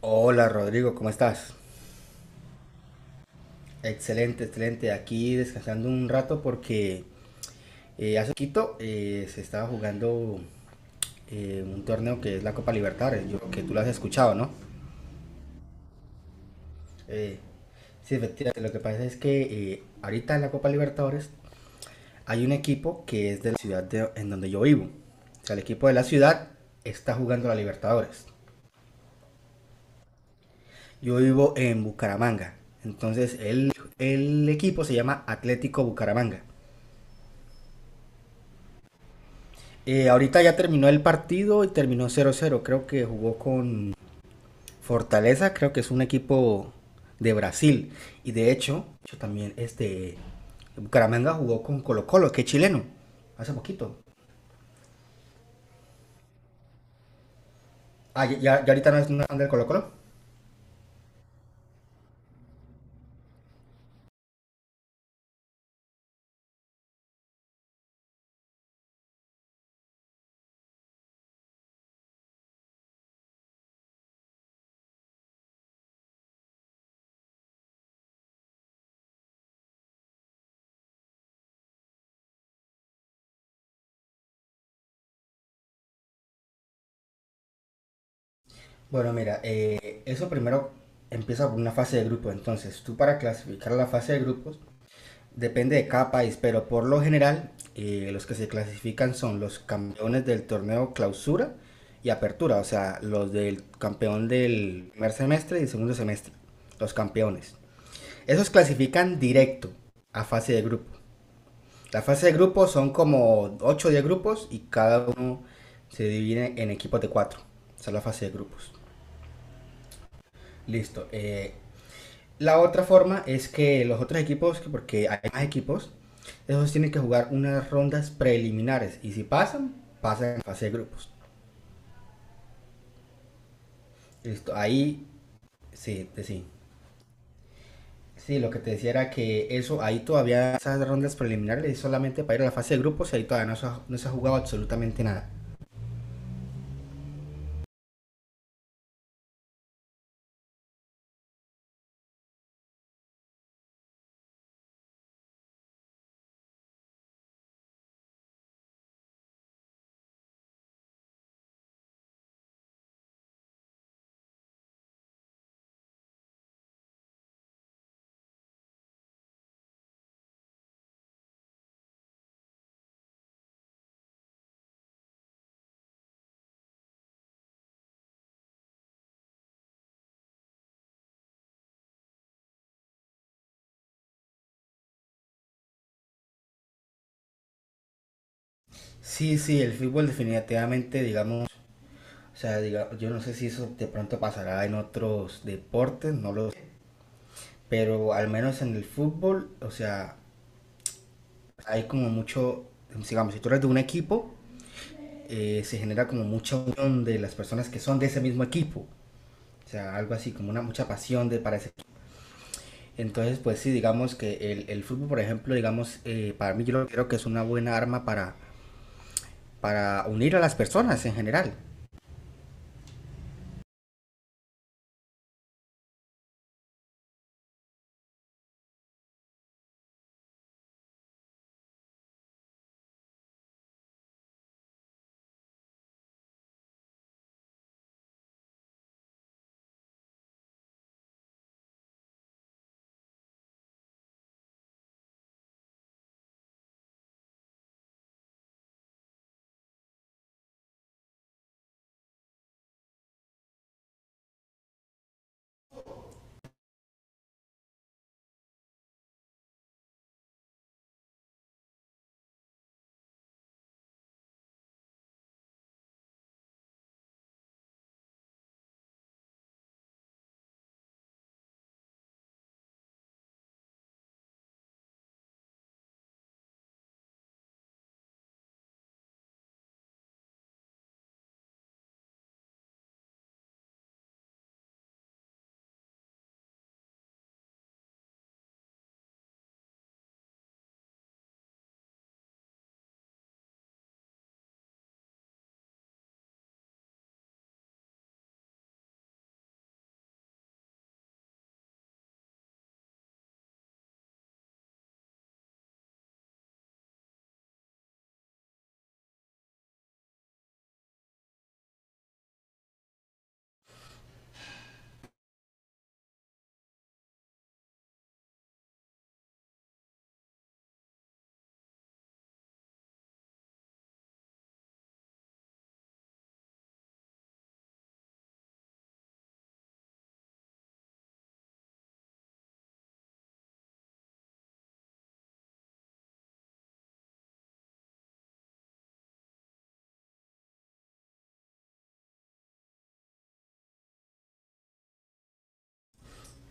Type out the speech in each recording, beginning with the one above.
Hola Rodrigo, ¿cómo estás? Excelente, excelente. Aquí descansando un rato porque hace poquito se estaba jugando un torneo que es la Copa Libertadores, yo creo que tú lo has escuchado, ¿no? Eh, sí, efectivamente. Lo que pasa es que ahorita en la Copa Libertadores hay un equipo que es de la en donde yo vivo. O sea, el equipo de la ciudad está jugando la Libertadores. Yo vivo en Bucaramanga. Entonces, el equipo se llama Atlético Bucaramanga. Ahorita ya terminó el partido y terminó cero cero. Creo que jugó con Fortaleza, creo que es un equipo de Brasil. Y de hecho, yo también este Bucaramanga jugó con Colo Colo, que es chileno, hace poquito. Ah, ya, ya ahorita no es anda el Colo Colo. Bueno, mira, eso primero empieza por una fase de grupo. Entonces, tú para clasificar la fase de grupos depende de cada país, pero por lo general los que se clasifican son los campeones del torneo clausura y apertura, o sea, los del campeón del primer semestre y el segundo semestre, los campeones. Esos clasifican directo a fase de grupo. La fase de grupo son como 8 o 10 grupos y cada uno se divide en equipos de 4. Esa es la fase de grupos. Listo. La otra forma es que los otros equipos, porque hay más equipos, esos tienen que jugar unas rondas preliminares y si pasan, pasan en fase de grupos. Listo, ahí sí, sí. Sí, lo que te decía era que eso, ahí todavía esas rondas preliminares es solamente para ir a la fase de grupos y ahí todavía no se ha jugado absolutamente nada. Sí, sí, el fútbol definitivamente, digamos, o sea, yo no sé si eso de pronto pasará en otros deportes, no lo sé, pero al menos en el fútbol, o sea, hay como mucho, digamos, si tú eres de un equipo, se genera como mucha unión de las personas que son de ese mismo equipo. O sea, algo así, como una mucha pasión de para ese equipo. Entonces, pues sí, digamos que el fútbol, por ejemplo, digamos, para mí yo lo creo que es una buena arma para unir a las personas en general.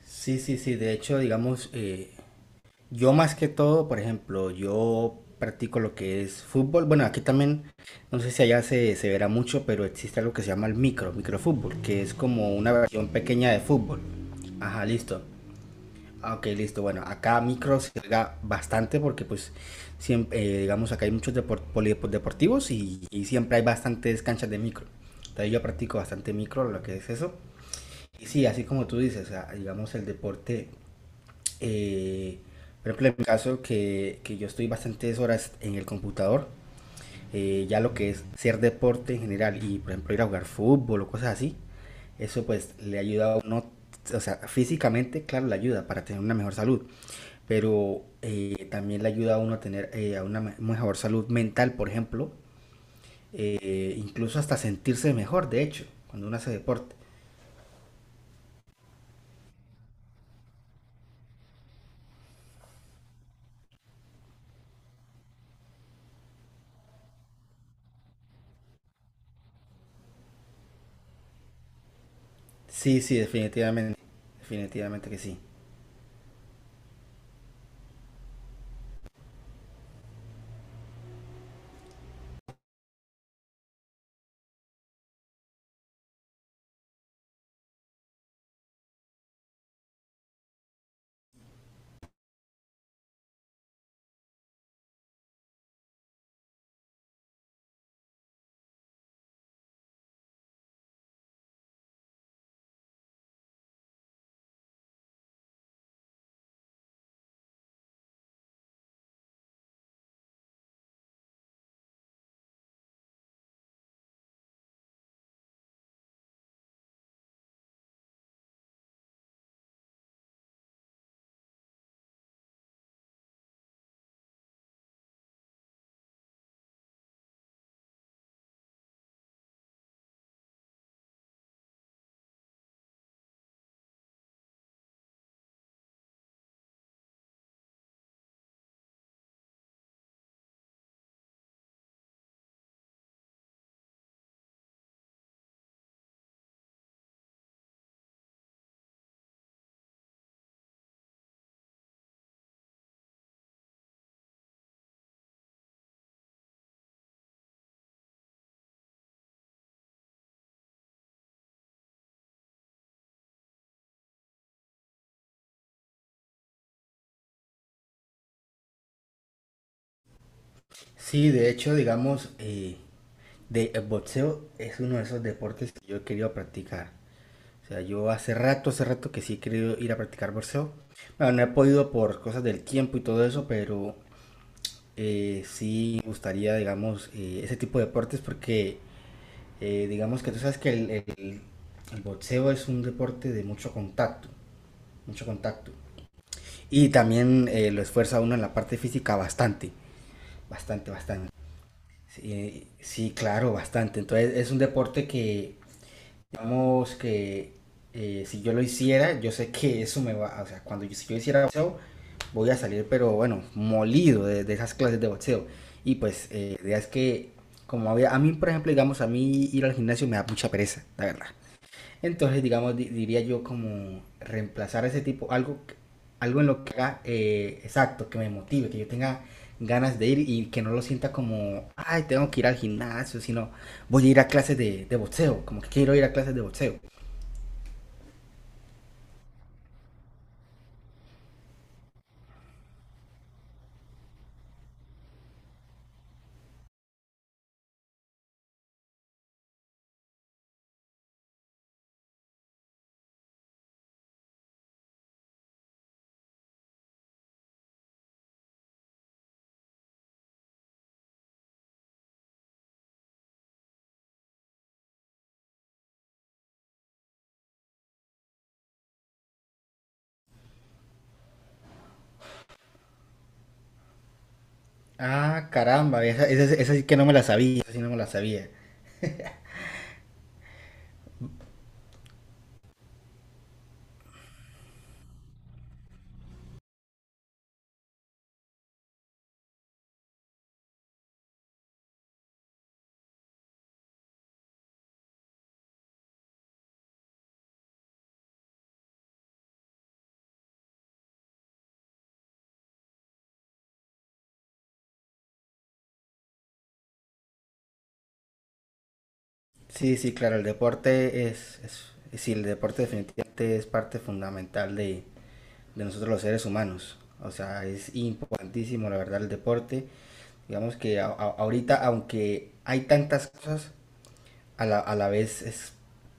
Sí, sí, sí. De hecho, digamos, yo más que todo, por ejemplo, yo practico lo que es fútbol. Bueno, aquí también, no sé si allá se verá mucho, pero existe algo que se llama el micro, microfútbol, que es como una versión pequeña de fútbol. Ajá, listo. Ah, ok, listo. Bueno, acá micro se juega bastante porque pues siempre, digamos, acá hay muchos polideportivos y siempre hay bastantes canchas de micro. Entonces yo practico bastante micro, lo que es eso. Y sí, así como tú dices, o sea, digamos el deporte eh, por ejemplo, en mi caso, que yo estoy bastantes horas en el computador, ya lo que es hacer deporte en general y, por ejemplo, ir a jugar fútbol o cosas así, eso pues le ayuda a uno, o sea, físicamente, claro, le ayuda para tener una mejor salud, pero también le ayuda a uno a tener a una mejor salud mental, por ejemplo, incluso hasta sentirse mejor, de hecho, cuando uno hace deporte. Sí, sí, definitivamente, definitivamente que sí. Sí, de hecho, digamos, el boxeo es uno de esos deportes que yo he querido practicar. O sea, yo hace rato que sí he querido ir a practicar boxeo. Bueno, no he podido por cosas del tiempo y todo eso, pero sí me gustaría, digamos, ese tipo de deportes porque, digamos que tú sabes que el boxeo es un deporte de mucho contacto, mucho contacto. Y también lo esfuerza uno en la parte física bastante, bastante, bastante. Sí, sí, claro, bastante. Entonces es un deporte que, digamos que si yo lo hiciera, yo sé que eso me va, o sea, cuando yo, si yo hiciera boxeo, voy a salir, pero bueno, molido de esas clases de boxeo. Y pues la idea es que, como había, a mí, por ejemplo, digamos, a mí ir al gimnasio me da mucha pereza, la verdad. Entonces, digamos, diría yo como reemplazar ese tipo, algo, algo en lo que haga, exacto, que me motive, que yo tenga ganas de ir y que no lo sienta como, ay, tengo que ir al gimnasio, sino voy a ir a clases de boxeo, como que quiero ir a clases de boxeo. Ah, caramba, esa sí que no me la sabía, esa sí no me la sabía. Sí, sí, claro, el deporte sí, el deporte definitivamente es parte fundamental de nosotros los seres humanos. O sea, es importantísimo, la verdad, el deporte. Digamos que ahorita, aunque hay tantas cosas, a a la vez es,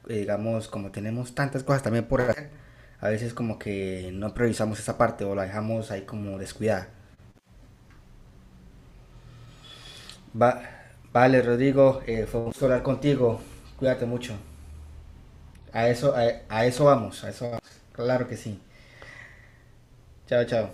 digamos, como tenemos tantas cosas también por hacer, a veces como que no priorizamos esa parte o la dejamos ahí como descuidada. Va, vale, Rodrigo, fue un gusto hablar contigo. Cuídate mucho. A eso vamos, a eso vamos. Claro que sí. Chao, chao.